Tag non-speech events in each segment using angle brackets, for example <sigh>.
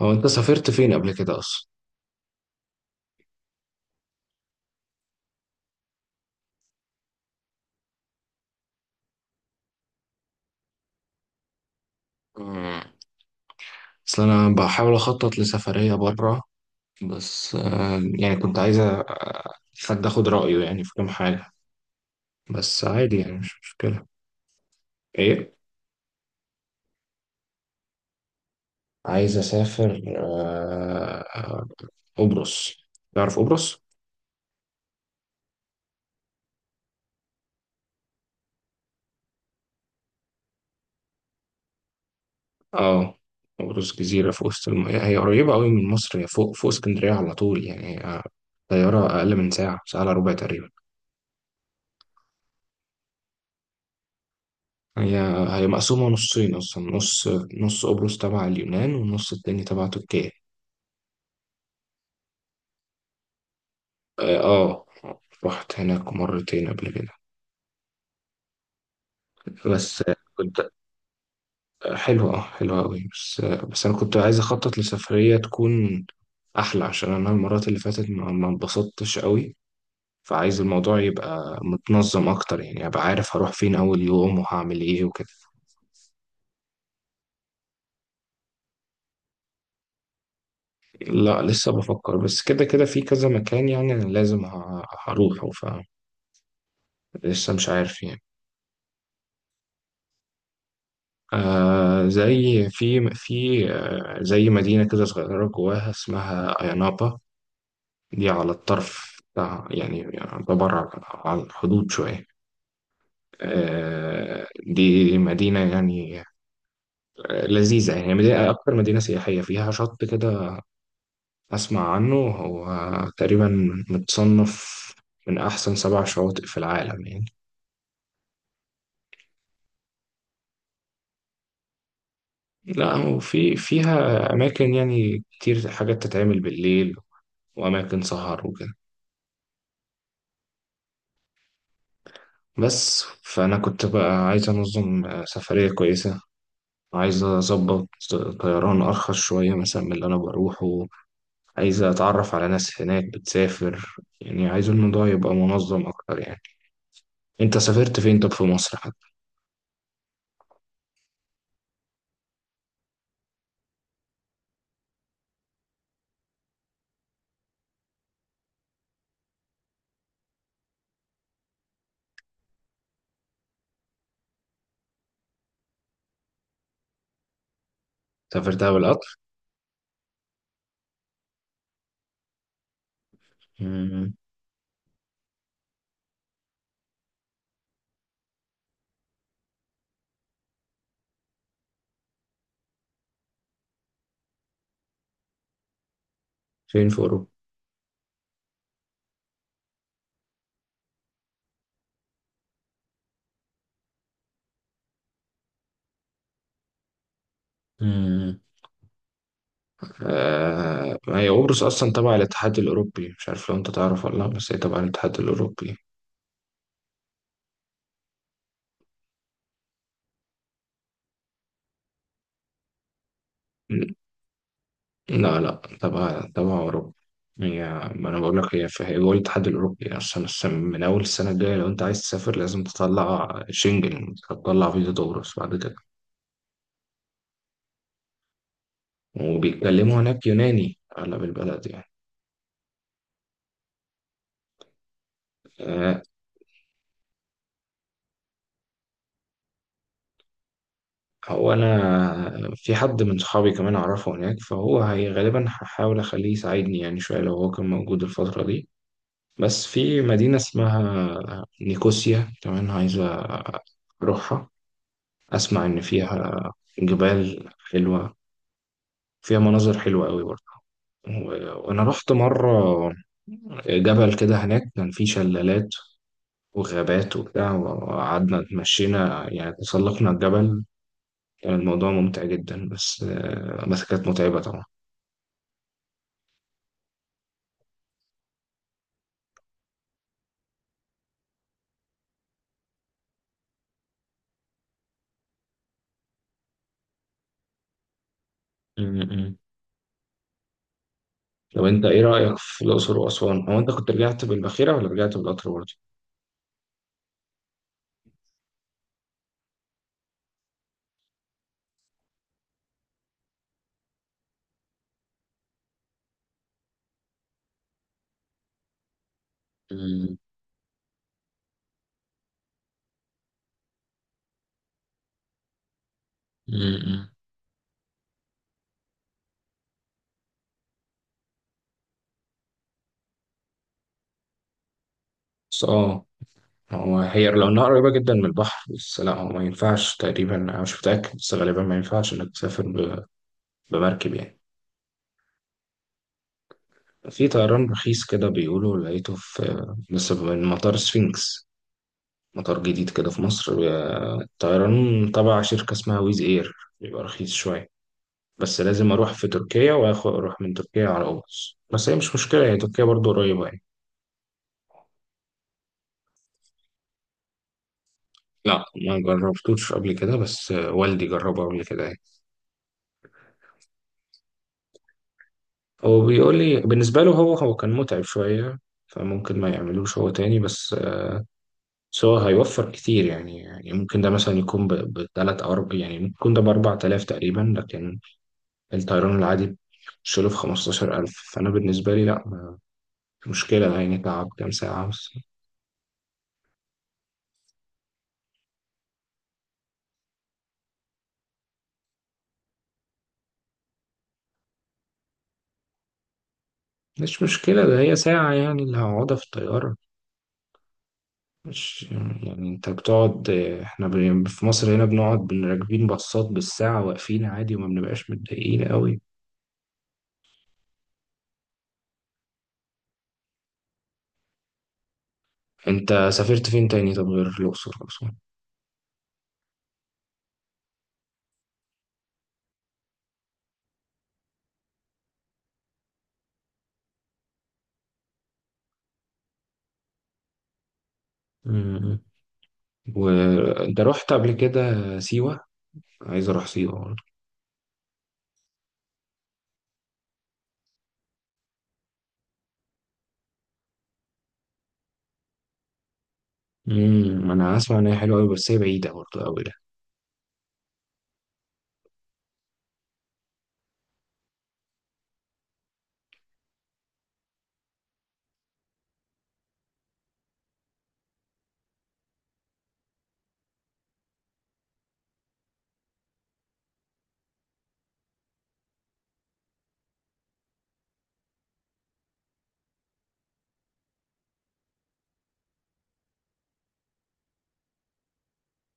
هو انت سافرت فين قبل كده اصلا؟ مم. اصل انا بحاول اخطط لسفرية بره، بس يعني كنت عايزة حد اخد رأيه يعني في كام حاجة. بس عادي، يعني مش مشكلة. ايه. عايز اسافر قبرص. تعرف قبرص؟ اه. قبرص جزيرة في وسط المياه، هي قريبة قوي من مصر، هي فوق اسكندرية على طول، يعني طيارة اقل من ساعة، ساعة الا ربع تقريبا. هي هي مقسومة نصين أصلا، نص، نص قبرص تبع اليونان والنص التاني تبع تركيا. اه. رحت هناك مرتين قبل كده. بس آه، كنت آه، حلوة، اه، حلوة أوي. بس بس أنا كنت عايز أخطط لسفرية تكون أحلى، عشان أنا المرات اللي فاتت ما اتبسطتش أوي. فعايز الموضوع يبقى متنظم أكتر، يعني أبقى عارف هروح فين أول يوم وهعمل إيه وكده. لا لسه بفكر، بس كده كده في كذا مكان، يعني أنا لازم هروحه. فلسه مش عارف يعني. زي في في آه زي مدينة كده صغيرة جواها اسمها أيانابا. دي على الطرف بتاع، يعني يعتبر على الحدود شوية. دي مدينة يعني، لذيذة، يعني هي مدينة، أكتر مدينة سياحية فيها شط كده. أسمع عنه هو تقريبا متصنف من أحسن سبع شواطئ في العالم يعني. لا، فيها أماكن يعني كتير، حاجات تتعمل بالليل، وأماكن سهر وكده. بس فأنا كنت بقى عايز أنظم سفرية كويسة. عايز أظبط طيران أرخص شوية مثلا من اللي أنا بروحه. عايز أتعرف على ناس هناك بتسافر، يعني عايز الموضوع يبقى منظم أكتر يعني. أنت سافرت فين طب في مصر حتى؟ سافرتها بالقطر؟ مم. فين في أوروبا؟ امم. هي قبرص أصلا تبع الاتحاد الأوروبي، مش عارف لو أنت تعرف ولا لأ، بس هي تبع الاتحاد الأوروبي. لا، لا، تبع أوروبا. هي، ما أنا بقول لك هي، في هي جوه الاتحاد الأوروبي أصلا. من أول السنة الجاية، لو أنت عايز تسافر لازم تطلع شنجن، تطلع فيزا دورس بعد كده. وبيتكلموا هناك يوناني أغلب البلد يعني. آه. هو أنا في حد من صحابي كمان أعرفه هناك، فهو هي غالبا هحاول أخليه يساعدني يعني شوية، لو هو كان موجود الفترة دي. بس في مدينة اسمها نيكوسيا كمان عايزة أروحها. أسمع إن فيها جبال حلوة، فيها مناظر حلوة قوي برضه. وأنا رحت مرة جبل كده هناك، كان فيه شلالات وغابات وبتاع، وقعدنا اتمشينا يعني تسلقنا الجبل. كان الموضوع ممتع جدا، بس بس كانت متعبة طبعا. م- لو أنت، إيه رأيك في الأقصر وأسوان؟ هو أنت كنت رجعت بالباخرة ولا رجعت بالقطر برضه؟ م- م- م- بس هي لو إنها قريبة جدا من البحر، بس لا هو ما ينفعش تقريبا، أنا مش متأكد بس غالبا ما ينفعش إنك تسافر بمركب يعني. في طيران رخيص كده بيقولوا لقيته في لسه من مطار سفينكس، مطار جديد كده في مصر. طيران تبع شركة اسمها ويز اير، بيبقى رخيص شوية. بس لازم اروح في تركيا واخد اروح من تركيا على قبرص، بس هي مش مشكلة، هي تركيا برضو قريبة يعني. لا ما جربتوش قبل كده، بس والدي جربه قبل كده يعني. هو بيقول لي بالنسبة له هو كان متعب شوية، فممكن ما يعملوش هو تاني، بس هو هيوفر كتير، يعني ممكن ده مثلا يكون بثلاث أو أربع، يعني ممكن يكون ده ب4 آلاف تقريبا، لكن الطيران العادي بتشيله في 15 ألف. فأنا بالنسبة لي لأ، مش مشكلة ده، يعني تعب كام ساعة بس. مش مشكلة، ده هي ساعة يعني اللي هقعدها في الطيارة. مش، يعني أنت بتقعد. إحنا في مصر هنا بنقعد راكبين باصات بالساعة واقفين عادي وما بنبقاش متضايقين قوي. انت سافرت فين تاني طب، غير الاقصر واسوان؟ امم. وانت رحت قبل كده سيوه؟ عايز اروح سيوه برضه. انا اسمع ان هي حلوه قوي، بس هي بعيده برضه قوي ده.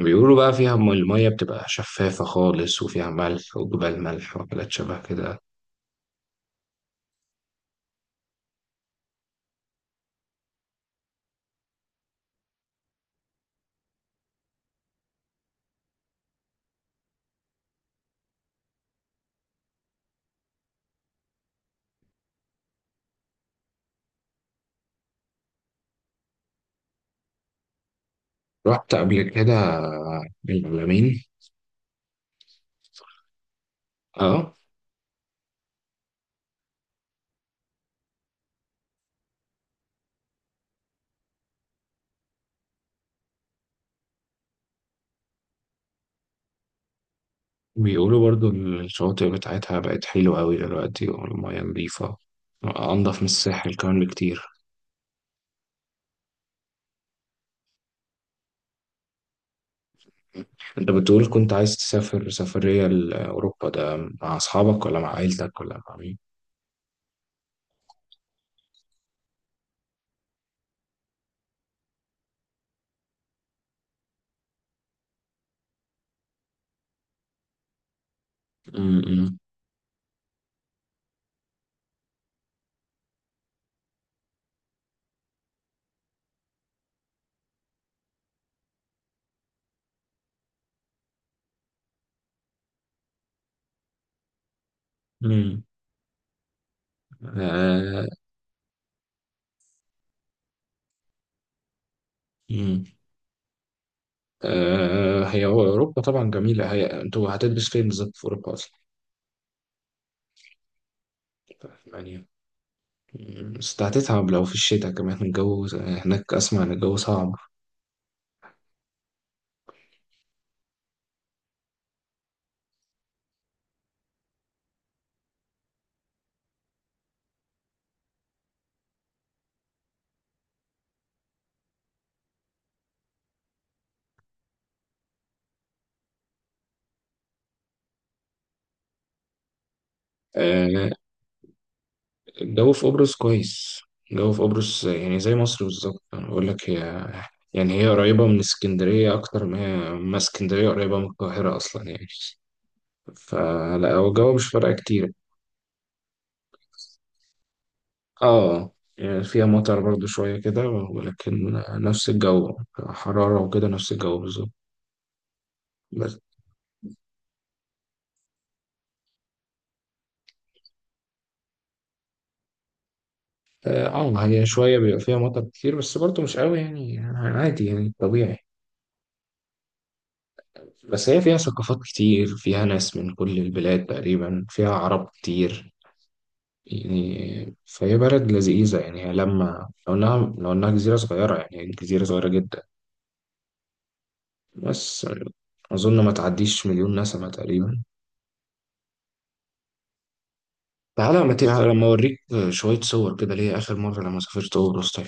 بيقولوا بقى فيها الميه بتبقى شفافه خالص، وفيها ملح وجبال ملح وحاجات شبه كده. رحت قبل كده العلمين؟ اه. بيقولوا برضو الشواطئ بتاعتها بقت حلوة قوي دلوقتي، والمياه نظيفة أنضف من الساحل كمان بكتير. انت بتقول كنت عايز تسافر سفرية لأوروبا ده مع أصحابك ولا مع عيلتك ولا مع مين؟ امم. امم. آه. امم. آه. هو أوروبا طبعا جميلة. هي انتوا هتدرس فين بالظبط في أوروبا أصلا؟ يعني. بس هتتعب لو في الشتاء كمان <laughs> الجو هناك أسمع إن الجو صعب. آه الجو في قبرص كويس. الجو في قبرص يعني زي مصر بالظبط. أنا بقول لك هي، يعني هي قريبة من اسكندرية أكتر ما هي، ما اسكندرية قريبة من القاهرة أصلا يعني. فلا، هو الجو مش فارقة كتير. اه يعني فيها مطر برضو شوية كده، ولكن نفس الجو حرارة وكده، نفس الجو بالظبط. بس اه، هي شوية بيبقى فيها مطر كتير، بس برضو مش قوي، يعني عادي يعني طبيعي. بس هي فيها ثقافات كتير، فيها ناس من كل البلاد تقريبا، فيها عرب كتير. يعني فهي بلد لذيذة، يعني هي لو إنها جزيرة صغيرة، يعني جزيرة صغيرة جدا بس. أظن ما تعديش مليون نسمة تقريبا. تعالى، ما تيجي لما أوريك شوية صور كده ليا آخر مرة لما سافرت أوبروس، طيب.